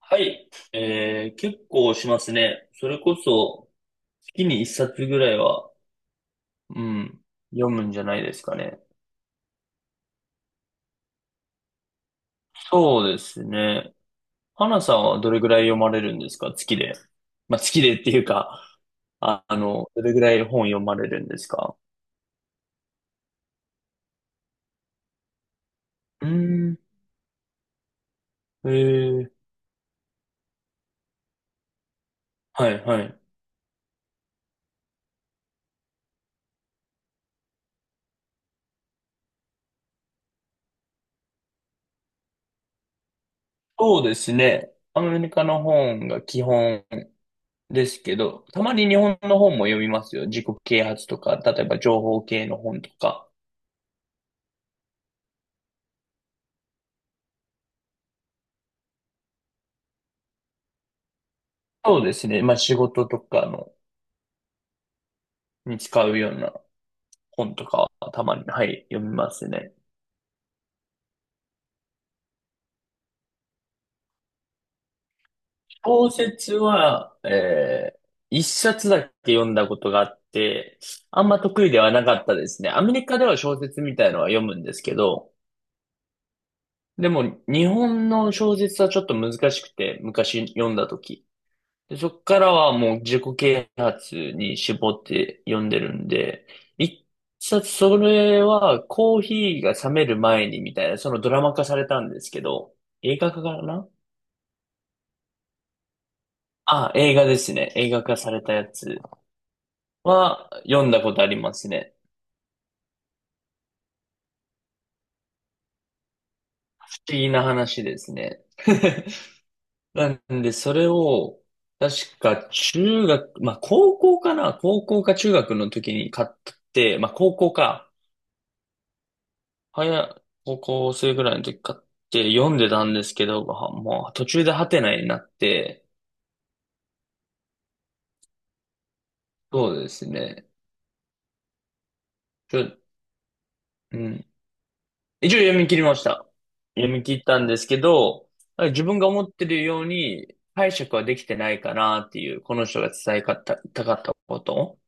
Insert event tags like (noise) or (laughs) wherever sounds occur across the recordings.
はい。結構しますね。それこそ、月に一冊ぐらいは、うん、読むんじゃないですかね。そうですね。花さんはどれぐらい読まれるんですか月で。まあ、月でっていうか、どれぐらい本読まれるんですか？うーん、えー、はいはい。そうですね。アメリカの本が基本ですけど、たまに日本の本も読みますよ。自己啓発とか、例えば情報系の本とか。そうですね。まあ仕事とかの、に使うような本とかはたまに、はい、読みますね。小説は、一冊だけ読んだことがあって、あんま得意ではなかったですね。アメリカでは小説みたいのは読むんですけど、でも日本の小説はちょっと難しくて、昔読んだとき。で、そっからはもう自己啓発に絞って読んでるんで、一冊それはコーヒーが冷める前にみたいな、そのドラマ化されたんですけど、映画化かな。あ、映画ですね。映画化されたやつは読んだことありますね。不思議な話ですね。(laughs) なんで、それを、確か中学、まあ高校かな、高校か中学の時に買って、まあ高校か。早、高校生ぐらいの時買って読んでたんですけど、はもう途中でハテナになって、そうですね。ちょ、うん。一応読み切りました。読み切ったんですけど、自分が思ってるように解釈はできてないかなっていう、この人が伝えかった、こと。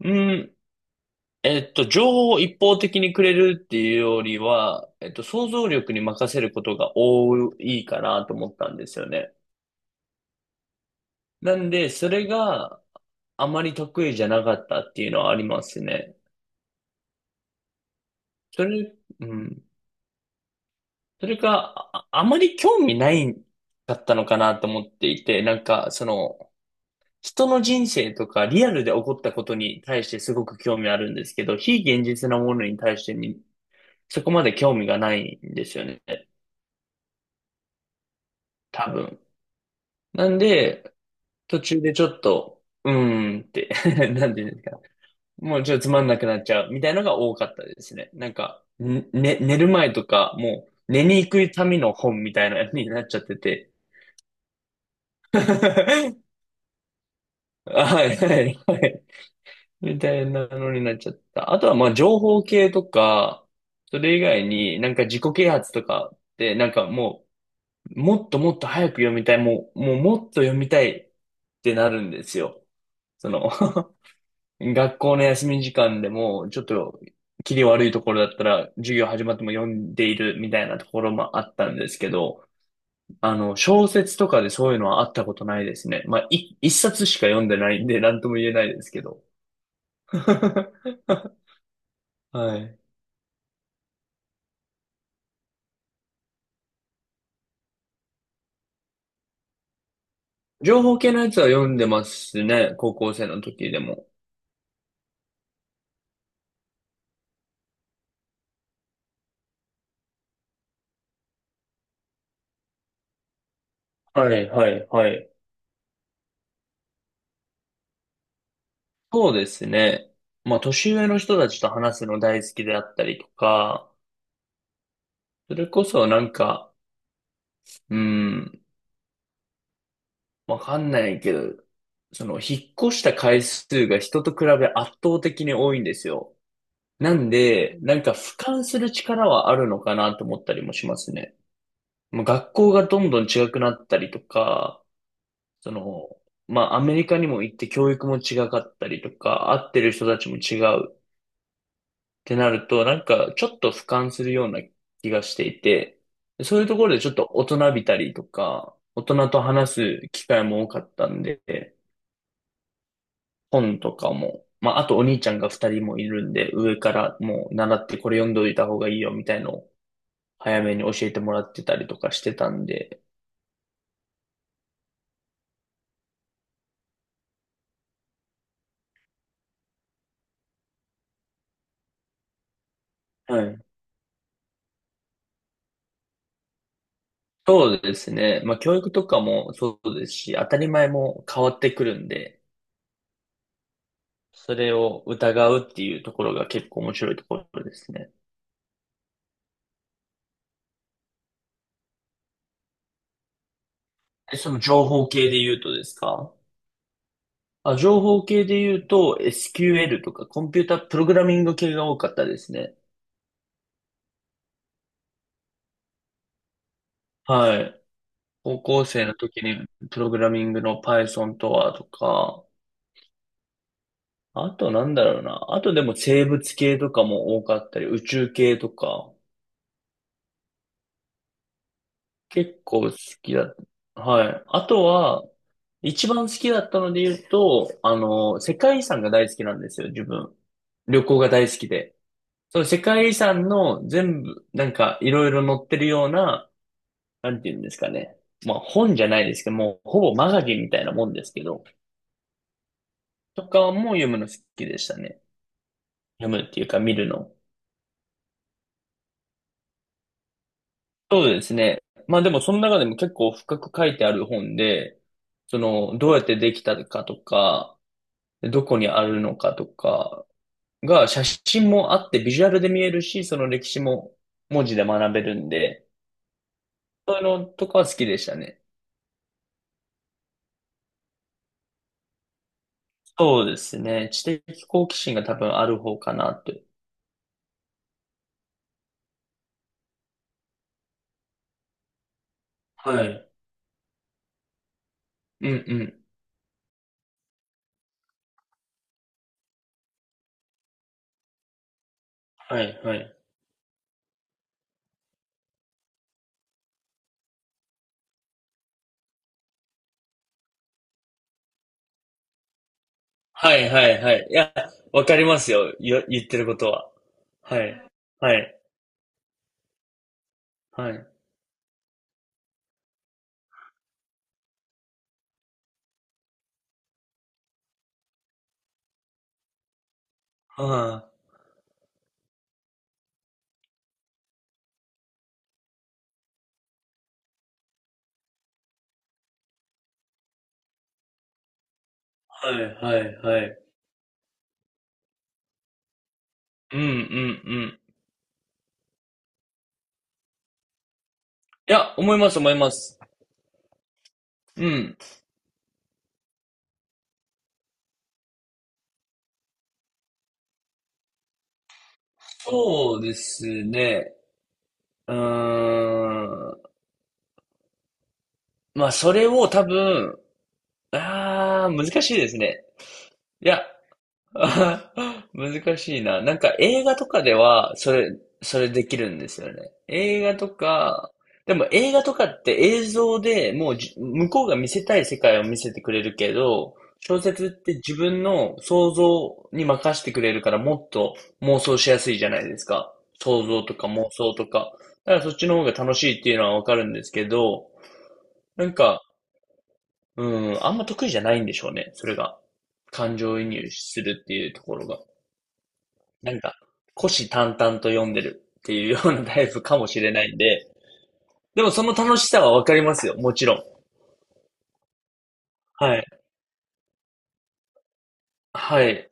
うん。情報を一方的にくれるっていうよりは、想像力に任せることが多いかなと思ったんですよね。なんで、それが、あまり得意じゃなかったっていうのはありますね。それ、うん。それか、あまり興味ないかったのかなと思っていて、なんか、その、人の人生とかリアルで起こったことに対してすごく興味あるんですけど、非現実なものに対してに、そこまで興味がないんですよね。多分。なんで、途中でちょっと、うーんって (laughs) なんていうんですか。もうちょっとつまんなくなっちゃうみたいなのが多かったですね。なんか、ん、ね、寝る前とか、もう寝に行くための本みたいなのになっちゃってて。(laughs) はいはいはい。みたいなのになっちゃった。あとはまあ情報系とか、それ以外になんか自己啓発とかってなんかもう、もっともっと早く読みたい、もうもっと読みたいってなるんですよ。その (laughs) 学校の休み時間でも、ちょっと、切り悪いところだったら、授業始まっても読んでいるみたいなところもあったんですけど、あの、小説とかでそういうのはあったことないですね。まあ、一冊しか読んでないんで、なんとも言えないですけど。(laughs) はい。情報系のやつは読んでますね。高校生の時でも。はい、はい、はい。そうですね。まあ、年上の人たちと話すの大好きであったりとか、それこそなんか、うん、わかんないけど、その、引っ越した回数が人と比べ圧倒的に多いんですよ。なんで、なんか俯瞰する力はあるのかなと思ったりもしますね。もう学校がどんどん違くなったりとか、その、まあアメリカにも行って教育も違かったりとか、会ってる人たちも違うってなると、なんかちょっと俯瞰するような気がしていて、そういうところでちょっと大人びたりとか、大人と話す機会も多かったんで、本とかも、まあ、あとお兄ちゃんが二人もいるんで、上からもう習ってこれ読んどいた方がいいよみたいのを早めに教えてもらってたりとかしてたんで、はい。そうですね。まあ、教育とかもそうですし、当たり前も変わってくるんで、それを疑うっていうところが結構面白いところですね。えその情報系で言うとですか？あ、情報系で言うと SQL とかコンピュータプログラミング系が多かったですね。はい。高校生の時にプログラミングの Python とはとか、あとなんだろうな。あとでも生物系とかも多かったり、宇宙系とか、結構好きだった。はい。あとは、一番好きだったので言うと、あの、世界遺産が大好きなんですよ、自分。旅行が大好きで。その世界遺産の全部、なんかいろいろ載ってるような、なんていうんですかね。まあ本じゃないですけど、もうほぼマガジンみたいなもんですけど、とかも読むの好きでしたね。読むっていうか見るの。そうですね。まあでもその中でも結構深く書いてある本で、その、どうやってできたかとか、どこにあるのかとかが写真もあってビジュアルで見えるし、その歴史も文字で学べるんで、そういうのとかは好きでしたね。そうですね。知的好奇心が多分ある方かなって。はい。うんうん。はいはい。はいはいはい。いや、わかりますよ。言ってることは。はい。はい。はい。はい。はいはいはい。うんうんうん。いや、思います思います。うん。そうですね。うーん。まあ、それを多分、ああ、難しいですね。いや、(laughs) あ難しいな。なんか映画とかでは、それできるんですよね。映画とか、でも映画とかって映像でもうじ向こうが見せたい世界を見せてくれるけど、小説って自分の想像に任せてくれるからもっと妄想しやすいじゃないですか。想像とか妄想とか。だからそっちの方が楽しいっていうのはわかるんですけど、なんか、うん、あんま得意じゃないんでしょうね。それが。感情移入するっていうところが。なんか、虎視眈々と読んでるっていうようなタイプかもしれないんで、でもその楽しさはわかりますよ、もちろん。はい。はい。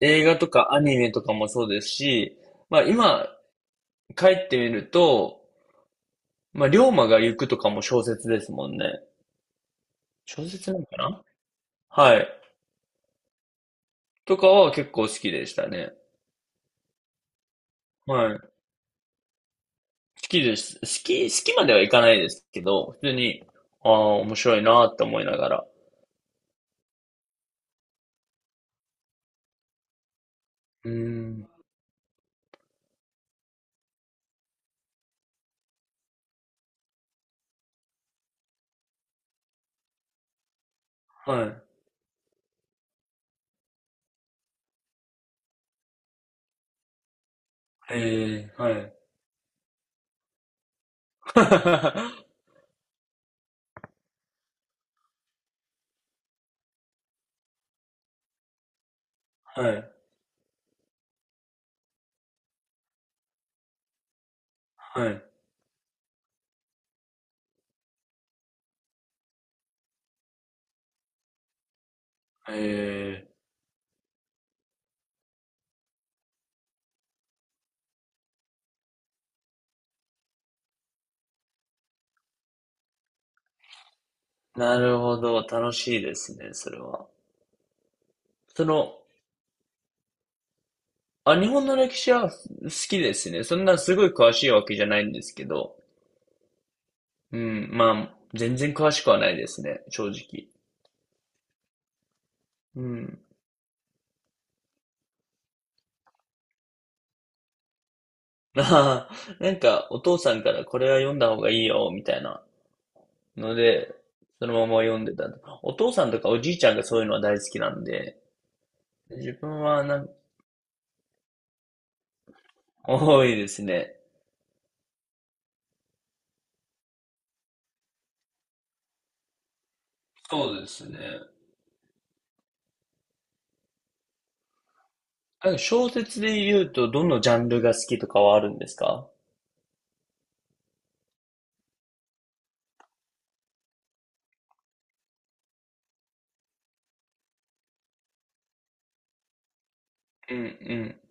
映画とかアニメとかもそうですし、まあ今、帰ってみると、まあ、龍馬が行くとかも小説ですもんね。小説なのかな。はい。とかは結構好きでしたね。はい。好きです。好きまではいかないですけど、普通に、ああ、面白いなって思いながら。うーん。はい。ええ、はい。(laughs) はい、はい。ええ、なるほど、楽しいですね、それは。その、あ、日本の歴史は好きですね。そんなすごい詳しいわけじゃないんですけど、うん、まあ、全然詳しくはないですね、正直。うん。(laughs) ああ、なんか、お父さんからこれは読んだ方がいいよ、みたいなので、そのまま読んでた。お父さんとかおじいちゃんがそういうのは大好きなんで、自分はなん、多いですね。そうですね。あ小説で言うと、どのジャンルが好きとかはあるんですか？うんうん